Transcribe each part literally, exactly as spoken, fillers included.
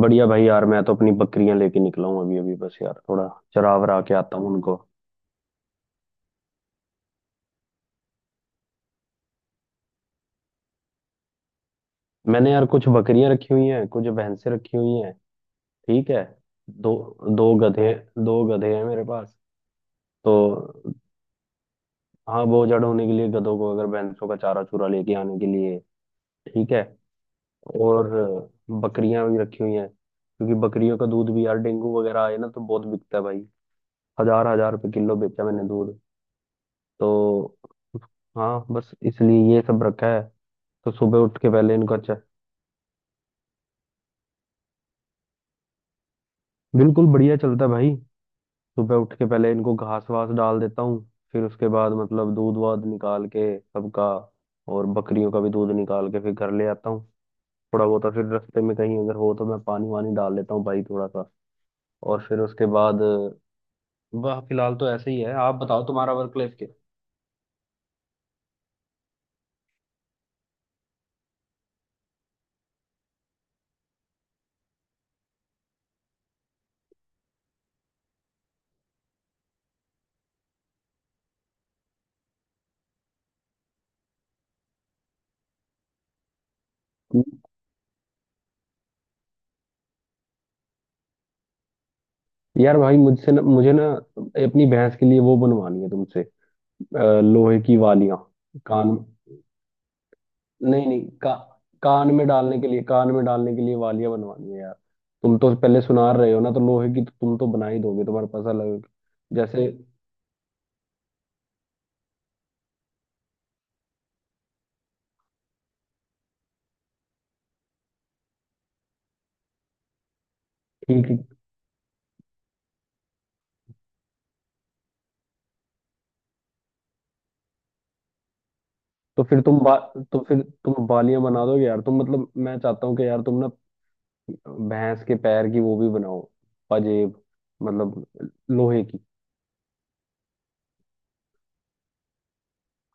बढ़िया भाई यार मैं तो अपनी बकरियां लेके निकला हूँ अभी अभी। बस यार थोड़ा चरा वरा के आता हूँ उनको। मैंने यार कुछ बकरियां रखी हुई हैं कुछ भैंसें रखी हुई हैं। ठीक है। दो दो गधे दो गधे हैं मेरे पास। तो हाँ, बोझ जड़ होने के लिए गधों को, अगर भैंसों का चारा चूरा लेके आने के लिए। ठीक है। और बकरियां भी रखी हुई हैं क्योंकि बकरियों का दूध भी यार डेंगू वगैरह आए ना तो बहुत बिकता है भाई। हजार हजार रुपये किलो बेचा मैंने दूध। तो हाँ, बस इसलिए ये सब रखा है। तो सुबह उठ के पहले इनको, अच्छा। बिल्कुल, बढ़िया चलता है भाई। सुबह उठ के पहले इनको घास वास डाल देता हूँ। फिर उसके बाद मतलब दूध वाध निकाल के सबका। और बकरियों का भी दूध निकाल के फिर घर ले आता हूँ थोड़ा बहुत। और फिर रास्ते में कहीं अगर हो तो मैं पानी वानी डाल लेता हूँ भाई थोड़ा सा। और फिर उसके बाद, वाह, फिलहाल तो ऐसे ही है। आप बताओ तुम्हारा वर्क लाइफ के। यार भाई, मुझसे ना मुझे ना अपनी भैंस के लिए वो बनवानी है तुमसे। अ, लोहे की वालियां। कान। नहीं नहीं, का, कान में डालने के लिए, कान में डालने के लिए वालियां बनवानी है यार। तुम तो पहले सुना रहे हो ना, तो लोहे की तो तुम तो बना ही दोगे, तुम्हारे पास अलग। जैसे। ठीक है। तो फिर तुम बा, तो फिर तुम वालियां बना दोगे यार। तुम मतलब, मैं चाहता हूँ कि यार तुम ना भैंस के पैर की वो भी बनाओ। पंजेब मतलब, लोहे की।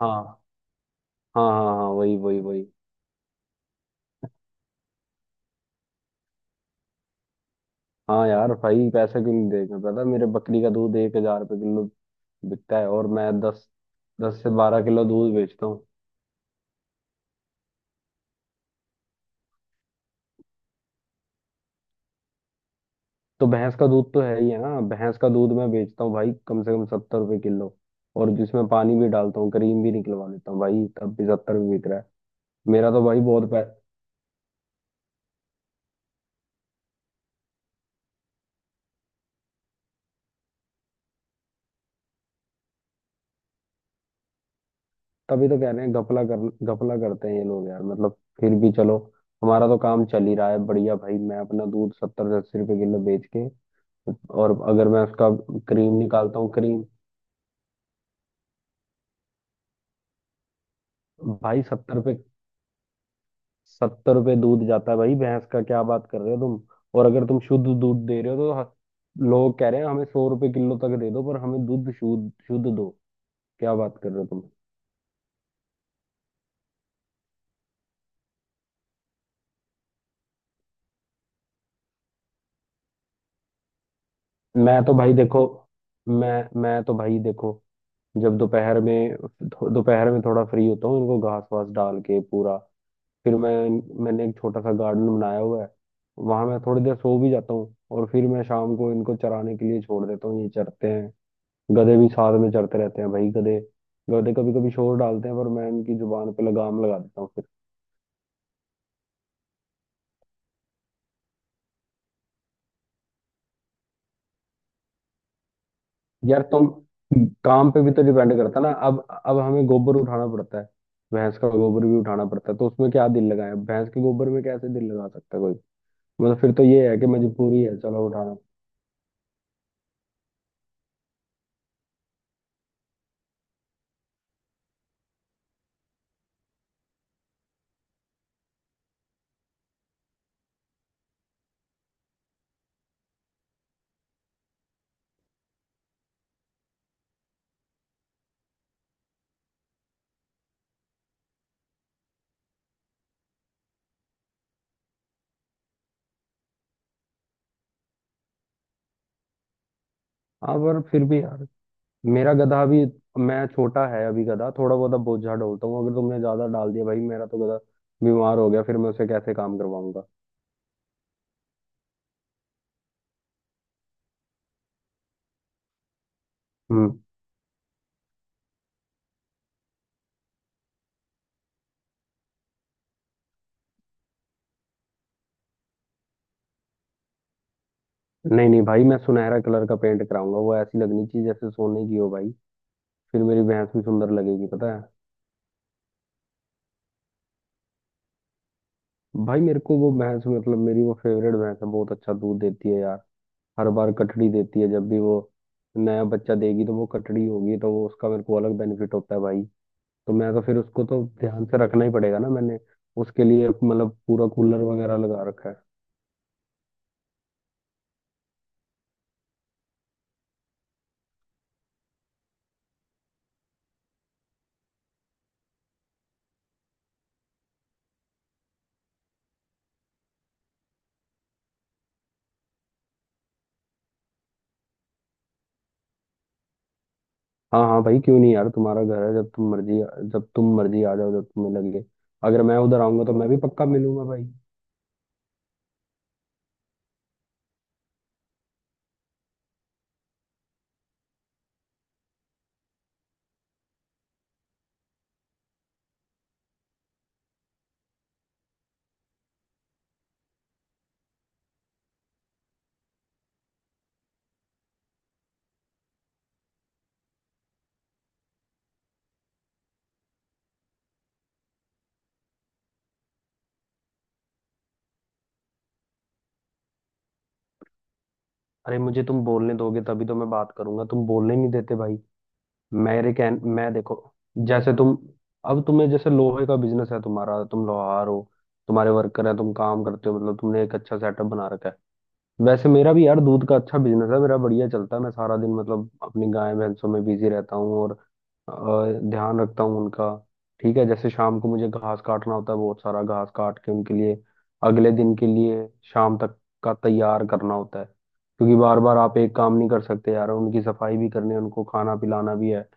हाँ हाँ हाँ हाँ, वही वही वही। हाँ यार भाई, पैसा क्यों नहीं देगा, पता है, मेरे बकरी का दूध एक हजार रुपये किलो बिकता है और मैं दस दस से बारह किलो दूध बेचता हूँ। तो भैंस का दूध तो है ही है ना। भैंस का दूध मैं बेचता हूँ भाई कम से कम सत्तर रुपये किलो, और जिसमें पानी भी डालता हूँ, क्रीम भी निकलवा लेता हूँ भाई, तब भी सत्तर भी बिक रहा है। मेरा तो भाई बहुत पै। तभी तो कह रहे हैं, घपला कर घपला करते हैं ये लोग यार। मतलब, फिर भी चलो, हमारा तो काम चल ही रहा है बढ़िया भाई। मैं अपना दूध सत्तर से अस्सी रुपये किलो बेच के। और अगर मैं उसका क्रीम निकालता हूँ, क्रीम। भाई सत्तर पे सत्तर रुपये दूध जाता है भाई भैंस का, क्या बात कर रहे हो तुम। और अगर तुम शुद्ध दूध दे रहे हो तो ह- लोग कह रहे हैं हमें सौ रुपए किलो तक दे दो, पर हमें दूध शुद्ध शुद्ध दो। क्या बात कर रहे हो तुम। मैं तो भाई देखो। मैं मैं तो भाई देखो, जब दोपहर में दोपहर में थोड़ा फ्री होता हूँ, इनको घास वास डाल के पूरा, फिर मैं, मैंने एक छोटा सा गार्डन बनाया हुआ है, वहां मैं थोड़ी देर सो भी जाता हूँ। और फिर मैं शाम को इनको चराने के लिए छोड़ देता हूँ, ये चरते हैं। गधे भी साथ में चढ़ते रहते हैं भाई। गधे, गधे कभी कभी शोर डालते हैं, पर मैं उनकी जुबान पे लगाम लगा देता हूँ फिर। यार तुम, काम पे भी तो डिपेंड करता है ना अब। अब हमें गोबर उठाना पड़ता है, भैंस का गोबर भी उठाना पड़ता है, तो उसमें क्या दिल लगाए, भैंस के गोबर में कैसे दिल लगा सकता है कोई। मतलब, फिर तो ये है कि मजबूरी है, चलो उठाना। हाँ, पर फिर भी यार, मेरा गधा भी, मैं, छोटा है अभी गधा, थोड़ा बहुत अब बोझा ढोता हूँ, अगर तुमने ज्यादा डाल दिया भाई, मेरा तो गधा बीमार हो गया, फिर मैं उसे कैसे काम करवाऊंगा। हम्म। नहीं नहीं भाई, मैं सुनहरा कलर का पेंट कराऊंगा, वो ऐसी लगनी चाहिए जैसे सोने की हो भाई। फिर मेरी भैंस भी सुंदर लगेगी, पता है। भाई मेरे को वो भैंस, मतलब, मेरी वो फेवरेट भैंस है, बहुत अच्छा दूध देती है यार। हर बार कटड़ी देती है, जब भी वो नया बच्चा देगी तो वो कटड़ी होगी, तो वो उसका मेरे को अलग बेनिफिट होता है भाई। तो मैं तो फिर उसको तो ध्यान से रखना ही पड़ेगा ना। मैंने उसके लिए मतलब पूरा कूलर वगैरह लगा रखा है। हाँ हाँ भाई, क्यों नहीं यार, तुम्हारा घर है, जब तुम मर्जी, जब तुम मर्जी आ जाओ, जब तुम्हें लगे। अगर मैं उधर आऊंगा तो मैं भी पक्का मिलूंगा भाई। अरे, मुझे तुम बोलने दोगे तभी तो मैं बात करूंगा, तुम बोलने नहीं देते भाई। मेरे कह, मैं देखो, जैसे तुम, अब तुम्हें, जैसे लोहे का बिजनेस है तुम्हारा, तुम लोहार हो, तुम्हारे वर्कर हैं, तुम काम करते हो, मतलब तुमने एक अच्छा सेटअप बना रखा है। वैसे मेरा भी यार दूध का अच्छा बिजनेस है, मेरा बढ़िया चलता है, मैं सारा दिन मतलब अपनी गाय भैंसों में बिजी रहता हूँ, और और ध्यान रखता हूँ उनका। ठीक है, जैसे शाम को मुझे घास काटना होता है, बहुत सारा घास काट के उनके लिए अगले दिन के लिए, शाम तक का तैयार करना होता है। क्योंकि बार बार आप एक काम नहीं कर सकते यार, उनकी सफाई भी करनी है, उनको खाना पिलाना भी है,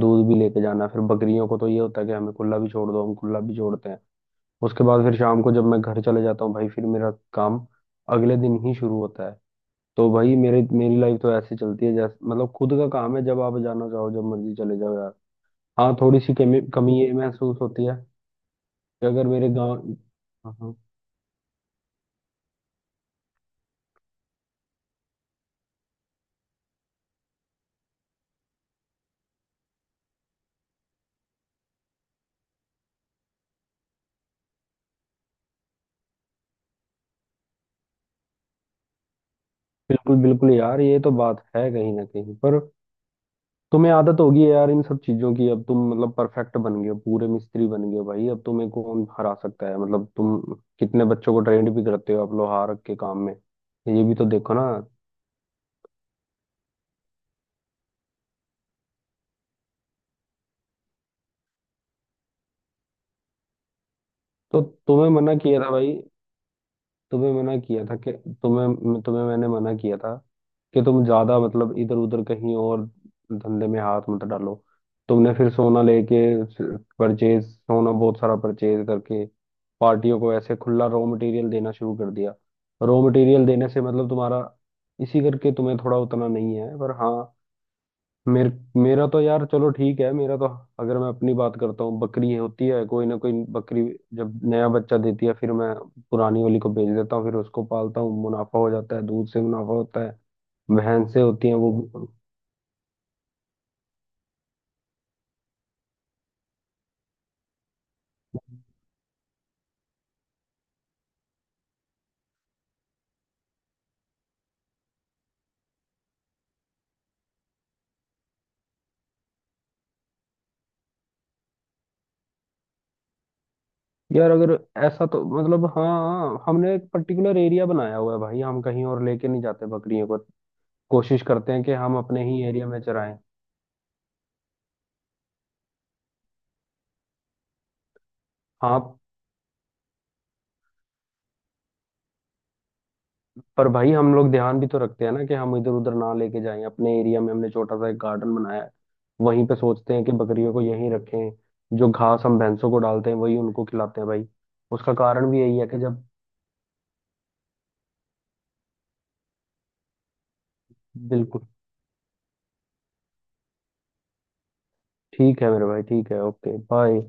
दूध भी लेके जाना है। फिर बकरियों को तो ये होता है कि हमें खुला भी छोड़ दो, हम खुला भी छोड़ते हैं। उसके बाद फिर शाम को जब मैं घर चले जाता हूँ भाई, फिर मेरा काम अगले दिन ही शुरू होता है। तो भाई मेरे मेरी लाइफ तो ऐसे चलती है जैसे, मतलब, खुद का काम है, जब आप जाना चाहो जब मर्जी चले जाओ यार। हाँ, थोड़ी सी कमी कमी ये महसूस होती है कि अगर मेरे गांव। हाँ हाँ। बिल्कुल बिल्कुल यार, ये तो बात है कहीं ना कहीं पर। तुम्हें आदत होगी है यार इन सब चीजों की, अब तुम मतलब परफेक्ट बन गए हो, पूरे मिस्त्री बन गए हो भाई, अब तुम्हें कौन हरा सकता है, मतलब तुम कितने बच्चों को ट्रेंड भी करते हो आप लोहार के काम में, ये भी तो देखो ना। तो तुम्हें मना किया था भाई, तुम्हें मना किया था कि, तुम्हें तुम्हें मैंने मना किया था कि तुम ज्यादा मतलब इधर उधर कहीं और धंधे में हाथ मत डालो। तुमने फिर सोना लेके परचेज, सोना बहुत सारा परचेज करके पार्टियों को ऐसे खुला रॉ मटेरियल देना शुरू कर दिया। रॉ मटेरियल देने से मतलब तुम्हारा, इसी करके तुम्हें थोड़ा, उतना नहीं है पर। हाँ, मेर, मेरा तो यार चलो ठीक है। मेरा तो, अगर मैं अपनी बात करता हूँ, बकरी होती है कोई ना कोई बकरी, जब नया बच्चा देती है, फिर मैं पुरानी वाली को बेच देता हूँ, फिर उसको पालता हूँ, मुनाफा हो जाता है, दूध से मुनाफा होता है। भैंसें होती हैं वो। यार अगर ऐसा, तो मतलब हाँ, हमने एक पर्टिकुलर एरिया बनाया हुआ है भाई, हम कहीं और लेके नहीं जाते बकरियों को, कोशिश करते हैं कि हम अपने ही एरिया में चराएं। हाँ, पर भाई हम लोग ध्यान भी तो रखते हैं ना, कि हम इधर उधर ना लेके जाएं, अपने एरिया में हमने छोटा सा एक गार्डन बनाया है, वहीं पे सोचते हैं कि बकरियों को यहीं रखें। जो घास हम भैंसों को डालते हैं वही उनको खिलाते हैं भाई। उसका कारण भी यही है कि जब। बिल्कुल। ठीक है मेरे भाई, ठीक है, ओके, बाय।